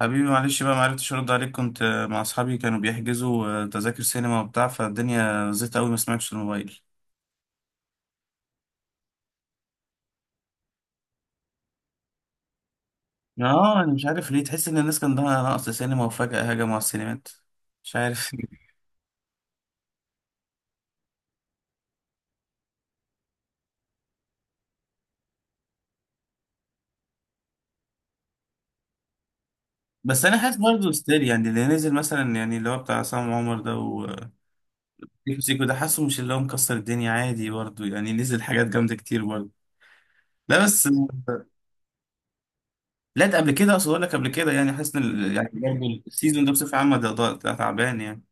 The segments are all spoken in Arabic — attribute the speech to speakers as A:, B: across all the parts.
A: حبيبي معلش بقى معرفتش ارد عليك، كنت مع اصحابي، كانوا بيحجزوا تذاكر سينما وبتاع، فالدنيا زيت قوي ما سمعتش الموبايل. اه انا مش عارف ليه، تحس ان الناس كان عندها نقص سينما وفجأة هجموا على السينمات. مش عارف. بس انا حاسس برضه ستيل، يعني اللي نزل مثلا يعني اللي هو بتاع عصام عمر ده وسيكو. سيكو ده حاسه مش اللي هو مكسر الدنيا، عادي برضه يعني، نزل حاجات جامدة كتير برضه. لا بس. لا، ده قبل كده، اقصد اقول لك قبل كده، يعني حاسس ان يعني برضه السيزون ده بصفة عامة ده تعبان يعني.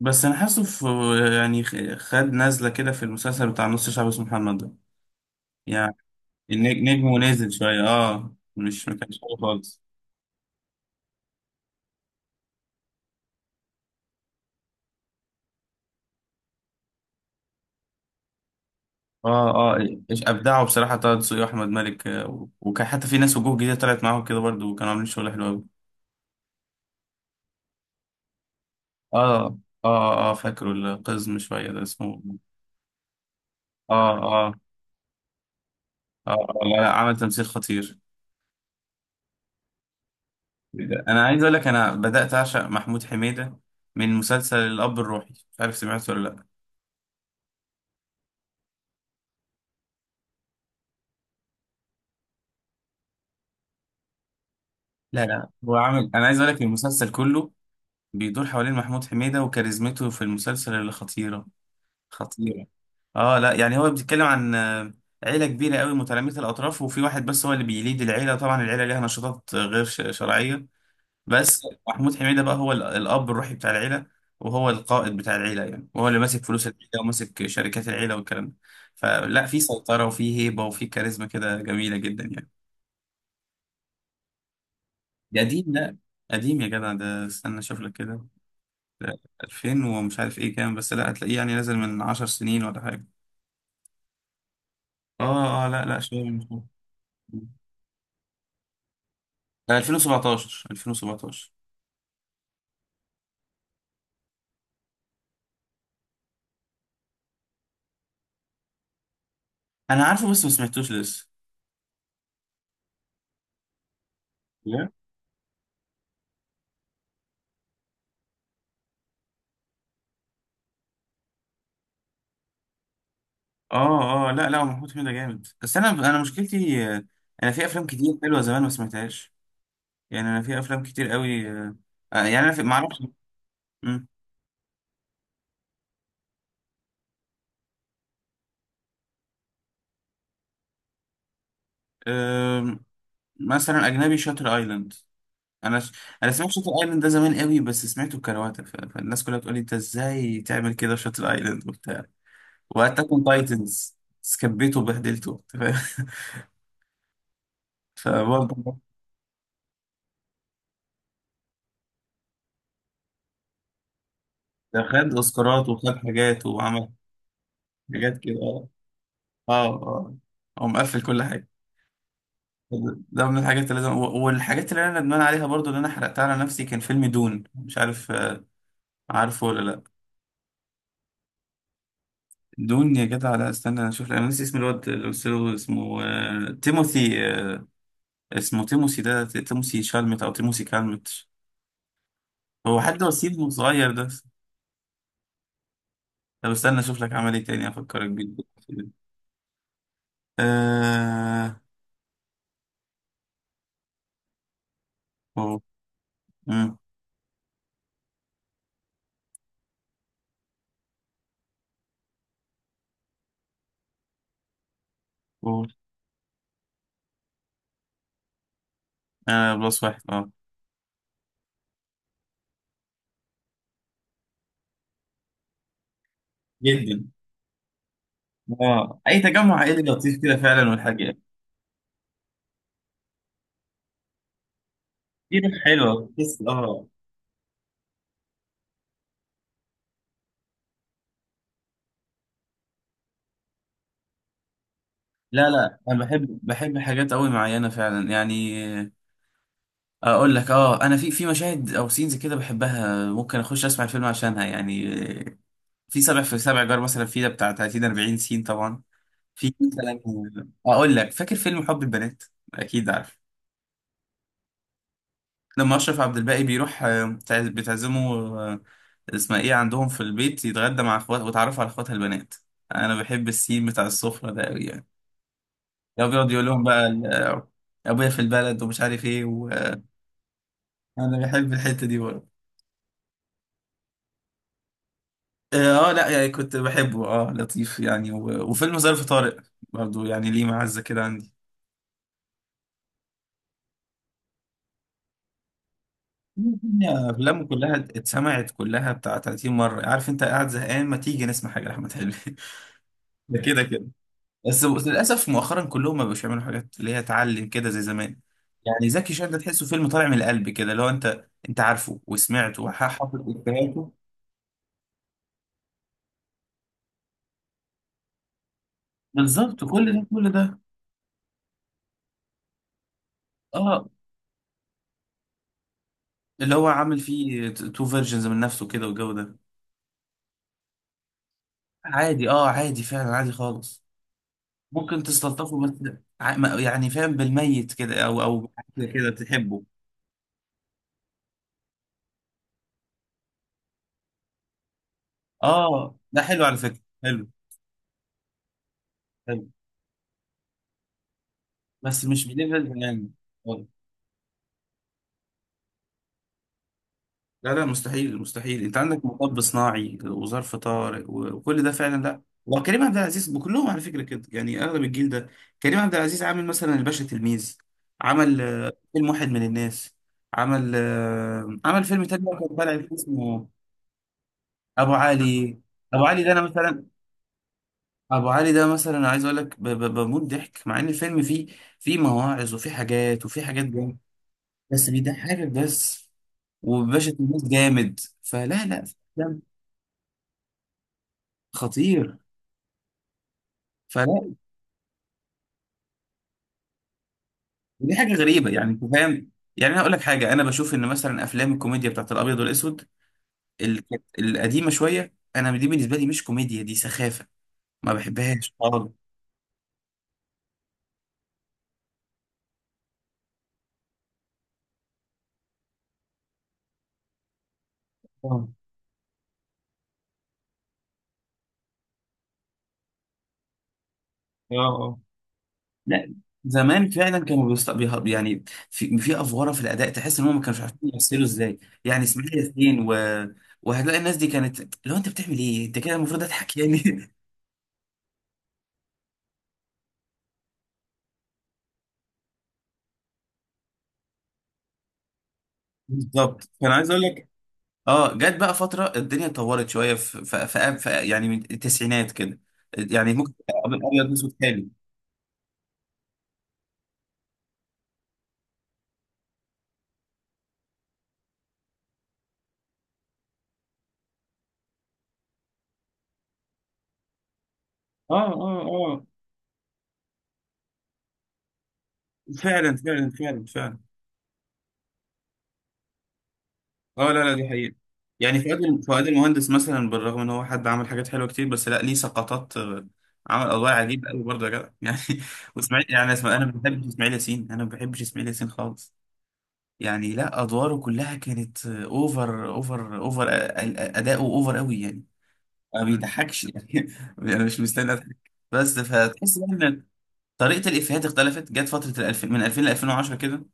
A: بس انا حاسه في، يعني خد نزله كده في المسلسل بتاع نص شعب اسمه محمد ده يعني. نجمه نازل شويه، مش، ما كانش حلو خالص. اه، اه، إيش ابدعوا بصراحه طه دسوقي واحمد مالك، وكان حتى في ناس وجوه جديده طلعت معاهم كده برضو، وكانوا عاملين شغل حلو قوي. اه، اه، اه، فاكره القزم شويه ده، اسمه؟ اه، اه، اه، لا لا، عمل تمثيل خطير. انا عايز اقول لك، انا بدات اعشق محمود حميده من مسلسل الاب الروحي. مش عارف سمعته ولا لا. لا لا، هو عامل، انا عايز اقول لك، المسلسل كله بيدور حوالين محمود حميدة وكاريزمته في المسلسل اللي خطيرة. خطيرة. اه لا، يعني هو بيتكلم عن عيلة كبيرة قوي، متلامسة الاطراف، وفي واحد بس هو اللي بيليد العيلة، طبعا العيلة ليها نشاطات غير شرعية. بس محمود حميدة بقى هو الاب الروحي بتاع العيلة، وهو القائد بتاع العيلة يعني، وهو اللي ماسك فلوس العيلة وماسك شركات العيلة والكلام ده. فلا، في سيطرة وفي هيبة وفي كاريزما كده جميلة جدا يعني. ده قديم، لا. قديم يا جدع، ده استنى اشوف لك كده. 2000 ومش عارف ايه كام، بس لا هتلاقيه يعني نازل من 10 سنين ولا حاجة. اه اه، لا لا، شوية مش عارف. لا، 2017، 2017. انا عارفه بس ما سمعتوش لسه. لا. اه اه، لا لا، هو محمود حميدة جامد، بس انا مشكلتي، انا في افلام كتير حلوة زمان ما سمعتهاش يعني. انا في افلام كتير قوي، يعني انا في، ما اعرفش. مم. آم، مثلا اجنبي، شاتر ايلاند. انا ش... انا سمعت شاتر ايلاند ده زمان قوي، بس سمعته بكرواتة، فالناس كلها بتقول لي انت ازاي تعمل كده، شاتر ايلاند وبتاع، واتاك اون تايتنز، سكبيته وبهدلته، أنت فاهم. فبرضه، ده خد اوسكارات وخد حاجات، وعمل حاجات كده. اه، اه، اه، هو مقفل كل حاجه. ده من الحاجات اللي لازم، والحاجات اللي انا ندمان عليها برضو اللي انا حرقتها على نفسي، كان فيلم دون. مش عارف، عارفه ولا لا؟ دون يا جدع، لا استنى انا اشوف، انا نسي اسم الواد اللي قلت له اسمه، تيموثي، اسمه تيموثي ده، تيموثي شالمت او تيموثي كالمت. هو حد وسيم صغير ده. طب استنى اشوف لك عمل ايه تاني افكرك بيه. آه. أوه. مم. أوه. آه. بلس واحد. اه، جدا. اه، اي تجمع عائلي لطيف كده فعلا، والحاجة دي روح حلوة، بس اه. لا لا، انا بحب، حاجات قوي معينة فعلا يعني. اقول لك، انا في مشاهد او سينز كده بحبها، ممكن اخش اسمع الفيلم عشانها يعني. آه، في سبع جار مثلا، في ده بتاع 30 40 سين طبعا. في مثلا، اقول لك، فاكر فيلم حب البنات؟ اكيد عارف. لما اشرف عبد الباقي بيروح بتعزمه، اسمها ايه، عندهم في البيت يتغدى مع اخواته وتعرف على اخواتها البنات. انا بحب السين بتاع السفره ده قوي يعني. لو بيقعد يقول لهم بقى ابويا في البلد ومش عارف ايه، وانا بحب الحته دي برضه. اه، لا يعني، كنت بحبه، لطيف يعني، وفيلم ظرف طارق برضه يعني، ليه معزه كده عندي. الدنيا، افلامه كلها اتسمعت، كلها بتاع 30 مره. عارف انت قاعد زهقان ما تيجي نسمع حاجه لاحمد حلمي. ده كده كده. بس للاسف مؤخرا كلهم ما بقوش يعملوا حاجات اللي هي تعلم كده زي زمان. يعني زكي شان ده تحسه فيلم طالع من القلب كده، لو انت، انت عارفه وسمعته وحافظ افيهاته. بالظبط، كل ده كل ده. اه، اللي هو عامل فيه تو فيرجنز من نفسه كده والجو ده. عادي، عادي فعلا، عادي خالص. ممكن تستلطفه بس. يعني فاهم، بالميت كده او بحاجة كده تحبه. اه، ده حلو على فكرة، حلو. حلو، بس مش بليفل يعني. لا لا، مستحيل مستحيل، انت عندك مطب صناعي وظرف طارق وكل ده فعلا، لا وكريم عبد العزيز بكلهم على فكره كده يعني، اغلب الجيل ده. كريم عبد العزيز عامل مثلا الباشا تلميذ، عمل فيلم واحد من الناس، عمل فيلم تاني بقى كان طالع فيه اسمه ابو علي. ابو علي ده انا مثلا، ابو علي ده مثلا، عايز اقول لك، بموت ضحك، مع ان الفيلم فيه، فيه مواعظ وفيه حاجات وفيه حاجات جامده، بس بيضحكك بس. وباشا تلميذ جامد فلا، لا خطير، فلا. دي حاجه غريبه يعني، انت فاهم؟ يعني انا اقول لك حاجه، انا بشوف ان مثلا افلام الكوميديا بتاعت الابيض والاسود كانت القديمه شويه، انا دي بالنسبه لي مش كوميديا، دي سخافه، ما بحبهاش خالص. اه، اه، آه. لا، زمان فعلا كانوا يعني في افواره، في الاداء تحس ان هم ما كانوش عارفين يمثلوا ازاي يعني. اسماعيل ياسين وهتلاقي الناس دي كانت، لو انت بتعمل ايه انت كده المفروض اضحك يعني. بالظبط، فانا عايز اقول لك، اه جت بقى فترة الدنيا اتطورت شوية في يعني، من التسعينات كده. يعني ممكن أبيض وأسود حالي. اه، اه، اه، فعلا فعلا فعلا فعلا. اه لا لا، دي حقيقة. يعني فؤاد المهندس مثلا، بالرغم ان هو حد عمل حاجات حلوة كتير، بس لا، ليه سقطات، عمل أدوار عجيبة قوي برضه يا جدع. يعني واسماعيل، يعني اسمع، انا ما بحبش اسماعيل ياسين، انا ما بحبش اسماعيل ياسين خالص يعني. لا، ادواره كلها كانت اوفر اوفر اوفر، اداؤه اوفر قوي يعني، ما بيضحكش يعني. انا مش مستني اضحك. بس فتحس بقى ان طريقه الافيهات اختلفت. جت فتره من 2000 ل 2010 كده،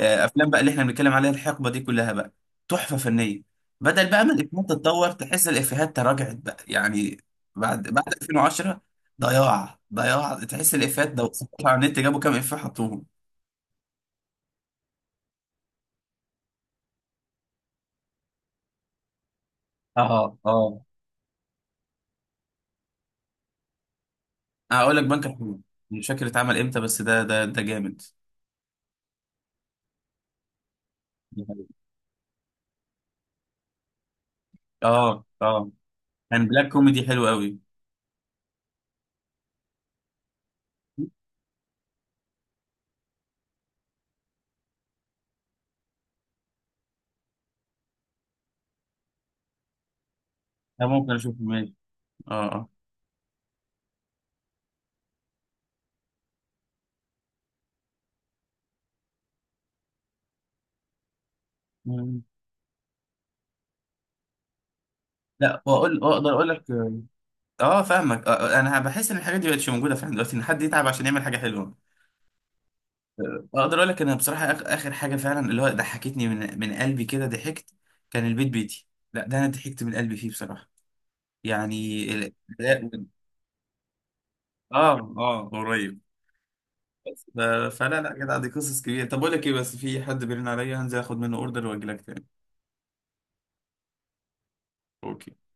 A: افلام بقى اللي احنا بنتكلم عليها، الحقبه دي كلها بقى تحفه فنيه. بدل بقى ما الافيهات تتطور، تحس الافيهات تراجعت بقى يعني. بعد 2010 ضياع ضياع، تحس الافيهات ده على النت جابوا كام افيه حطوهم. اه، اه، هقول لك، بنك الحظوظ، مش فاكر اتعمل امتى، بس ده جامد. دي حقيقة. اه، اه، كان بلاك كوميدي حلو قوي. لا، ممكن اشوف، ماشي. اه، اه، مم. لا، واقول، اقدر اقول لك، اه فاهمك، انا بحس ان الحاجات دي مبقتش موجوده فعلا دلوقتي، ان حد يتعب عشان يعمل حاجه حلوه. اقدر اقول لك، انا بصراحه اخر حاجه فعلا اللي هو ضحكتني من قلبي كده، ضحكت، كان البيت بيتي. لا، ده انا ضحكت من قلبي فيه بصراحه يعني. لا، اه، اه، قريب. بس فلا لا كده، دي قصص كبيره. طب اقول لك ايه، بس في حد بيرن عليا، هنزل اخد منه اوردر واجي لك تاني. اوكي.